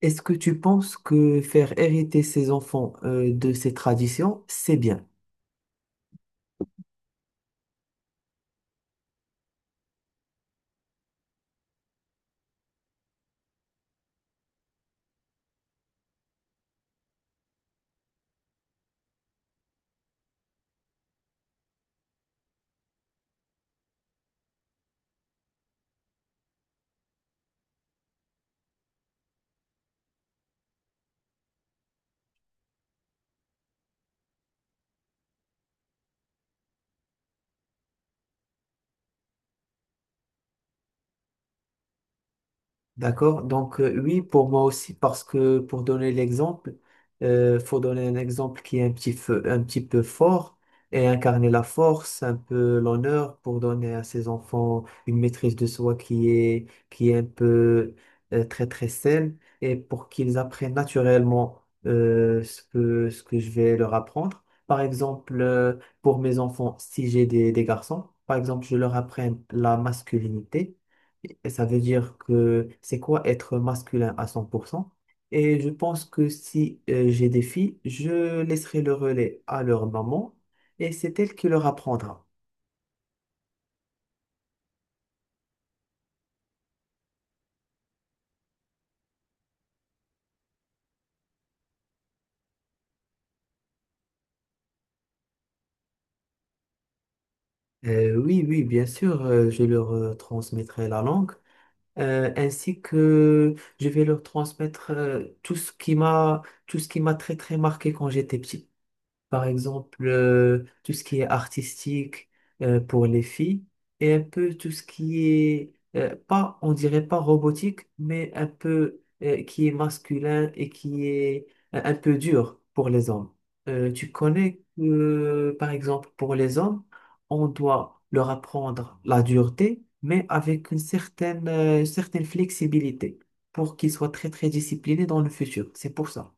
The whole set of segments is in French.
Est-ce que tu penses que faire hériter ses enfants de ces traditions, c'est bien? D'accord. Donc, oui, pour moi aussi, parce que pour donner l'exemple, faut donner un exemple qui est un petit peu fort et incarner la force, un peu l'honneur pour donner à ses enfants une maîtrise de soi qui est un peu très, très saine et pour qu'ils apprennent naturellement ce que je vais leur apprendre. Par exemple, pour mes enfants, si j'ai des garçons, par exemple, je leur apprends la masculinité et ça veut dire que c'est quoi être masculin à 100 pour cent. Et je pense que si j'ai des filles, je laisserai le relais à leur maman et c'est elle qui leur apprendra. Oui, oui, bien sûr, je leur transmettrai la langue ainsi que je vais leur transmettre tout ce qui m'a très très marqué quand j'étais petit. Par exemple, tout ce qui est artistique pour les filles et un peu tout ce qui est, pas, on dirait pas robotique, mais un peu qui est masculin et qui est un peu dur pour les hommes. Tu connais, par exemple, pour les hommes, on doit leur apprendre la dureté, mais avec une certaine, certaine flexibilité pour qu'ils soient très, très disciplinés dans le futur. C'est pour ça.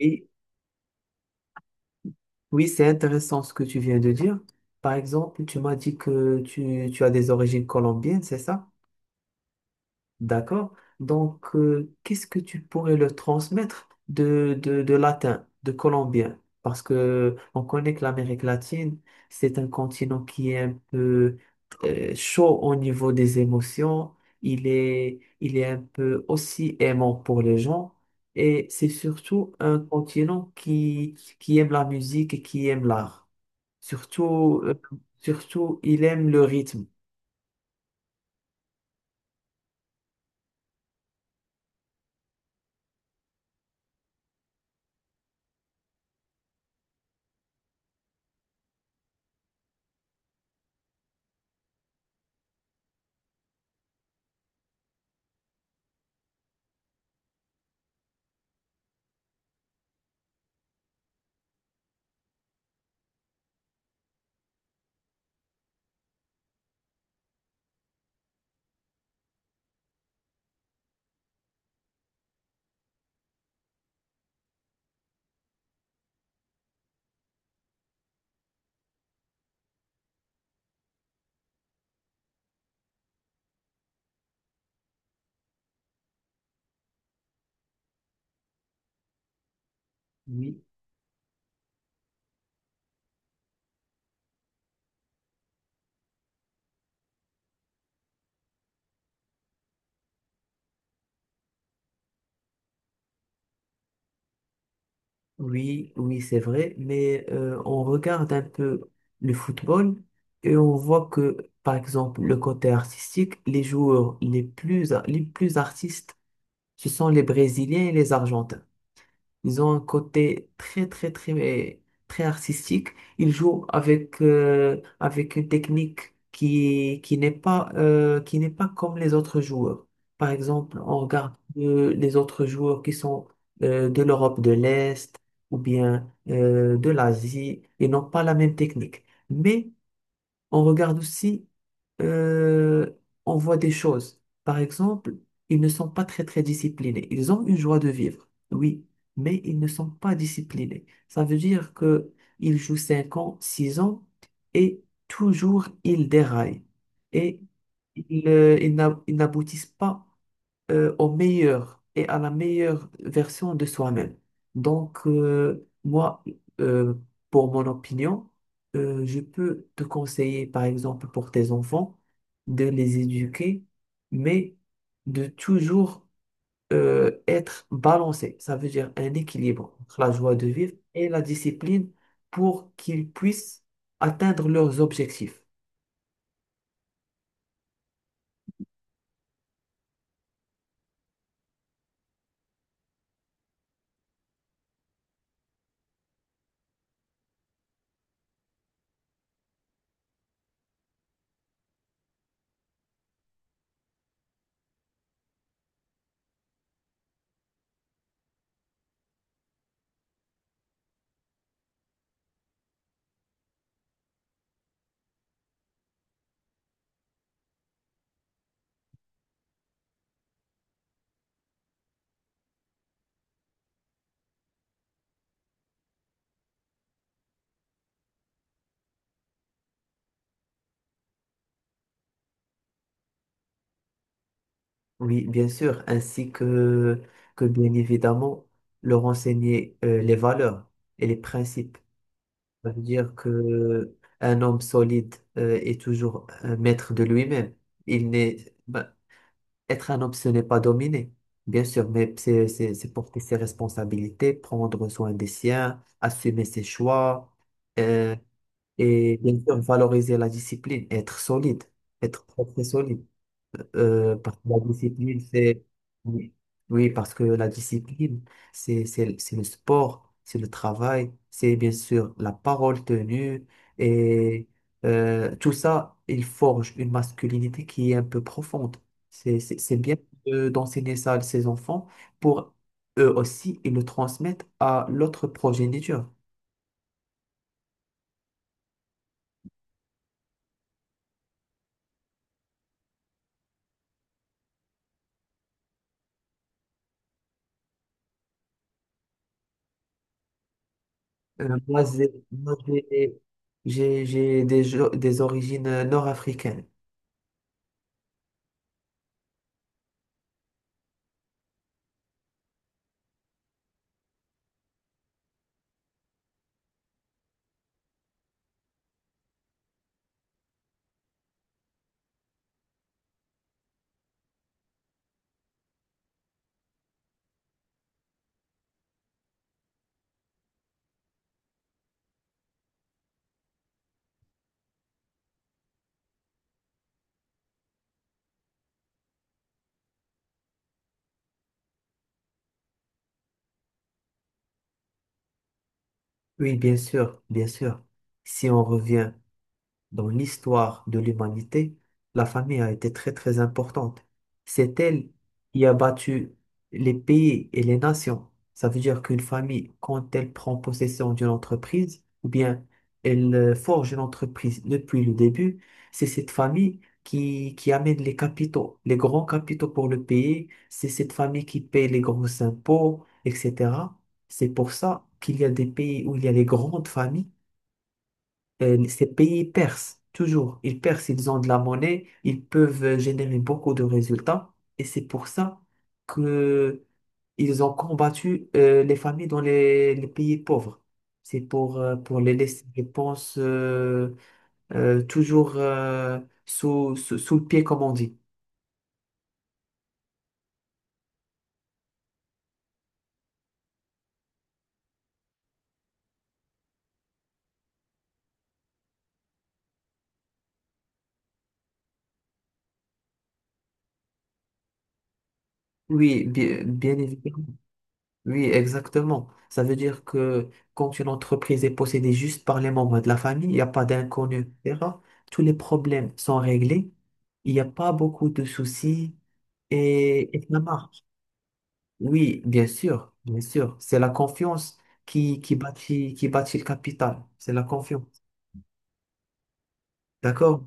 Et oui, c'est intéressant ce que tu viens de dire. Par exemple, tu m'as dit que tu as des origines colombiennes, c'est ça? D'accord. Donc, qu'est-ce que tu pourrais le transmettre de latin, de colombien? Parce que on connaît que l'Amérique latine, c'est un continent qui est un peu chaud au niveau des émotions. Il est un peu aussi aimant pour les gens. Et c'est surtout un continent qui aime la musique et qui aime l'art. Surtout, surtout, il aime le rythme. Oui. Oui, oui, c'est vrai, mais on regarde un peu le football et on voit que, par exemple, le côté artistique, les joueurs les plus artistes, ce sont les Brésiliens et les Argentins. Ils ont un côté très, très, très, très artistique. Ils jouent avec, avec une technique qui n'est pas, qui n'est pas comme les autres joueurs. Par exemple, on regarde les autres joueurs qui sont de l'Europe de l'Est ou bien de l'Asie. Ils n'ont pas la même technique. Mais on regarde aussi euh, on voit des choses. Par exemple, ils ne sont pas très très disciplinés. Ils ont une joie de vivre, oui, mais ils ne sont pas disciplinés. Ça veut dire que ils jouent 5 ans, 6 ans et toujours ils déraillent et ils n'aboutissent pas au meilleur et à la meilleure version de soi-même. Donc, moi, euh, pour mon opinion, je peux te conseiller, par exemple, pour tes enfants, de les éduquer, mais de toujours être balancé. Ça veut dire un équilibre entre la joie de vivre et la discipline pour qu'ils puissent atteindre leurs objectifs. Oui, bien sûr, ainsi que bien évidemment leur enseigner les valeurs et les principes. Ça veut dire que un homme solide est toujours un maître de lui-même. Il n'est, ben, être un homme, ce n'est pas dominer, bien sûr, mais c'est porter ses responsabilités, prendre soin des siens, assumer ses choix euh, et bien sûr valoriser la discipline, être solide, être très, très solide. Parce que la discipline, c'est... Oui, oui, parce que la discipline, c'est le sport, c'est le travail, c'est bien sûr la parole tenue. Et tout ça, il forge une masculinité qui est un peu profonde. C'est bien d'enseigner ça à ses enfants pour eux aussi, ils le transmettent à l'autre progéniture. Moi, j'ai des, des origines nord-africaines. Oui, bien sûr, bien sûr. Si on revient, dans l'histoire de l'humanité, la famille a été très très importante. C'est elle qui a battu les pays et les nations. Ça veut dire qu'une famille, quand elle prend possession d'une entreprise, ou bien elle forge une entreprise depuis le début, c'est cette famille qui amène les capitaux, les grands capitaux pour le pays, c'est cette famille qui paye les gros impôts, etc. C'est pour ça qu'il y a des pays où il y a les grandes familles, ces pays percent, toujours. Ils percent, ils ont de la monnaie, ils peuvent générer beaucoup de résultats. Et c'est pour ça que ils ont combattu les familles dans les pays pauvres. C'est pour les laisser, je pense, toujours sous le pied, comme on dit. Oui, bien, bien évidemment. Oui, exactement. Ça veut dire que quand une entreprise est possédée juste par les membres de la famille, il n'y a pas d'inconnus, etc., tous les problèmes sont réglés, il n'y a pas beaucoup de soucis et ça marche. Oui, bien sûr, bien sûr. C'est la confiance qui bâtit le capital. C'est la confiance. D'accord.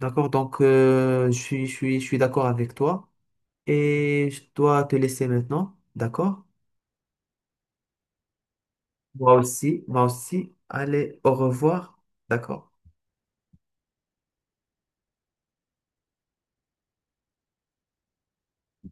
D'accord. Donc, je suis d'accord avec toi et je dois te laisser maintenant. D'accord? Moi aussi, moi aussi. Allez, au revoir. D'accord?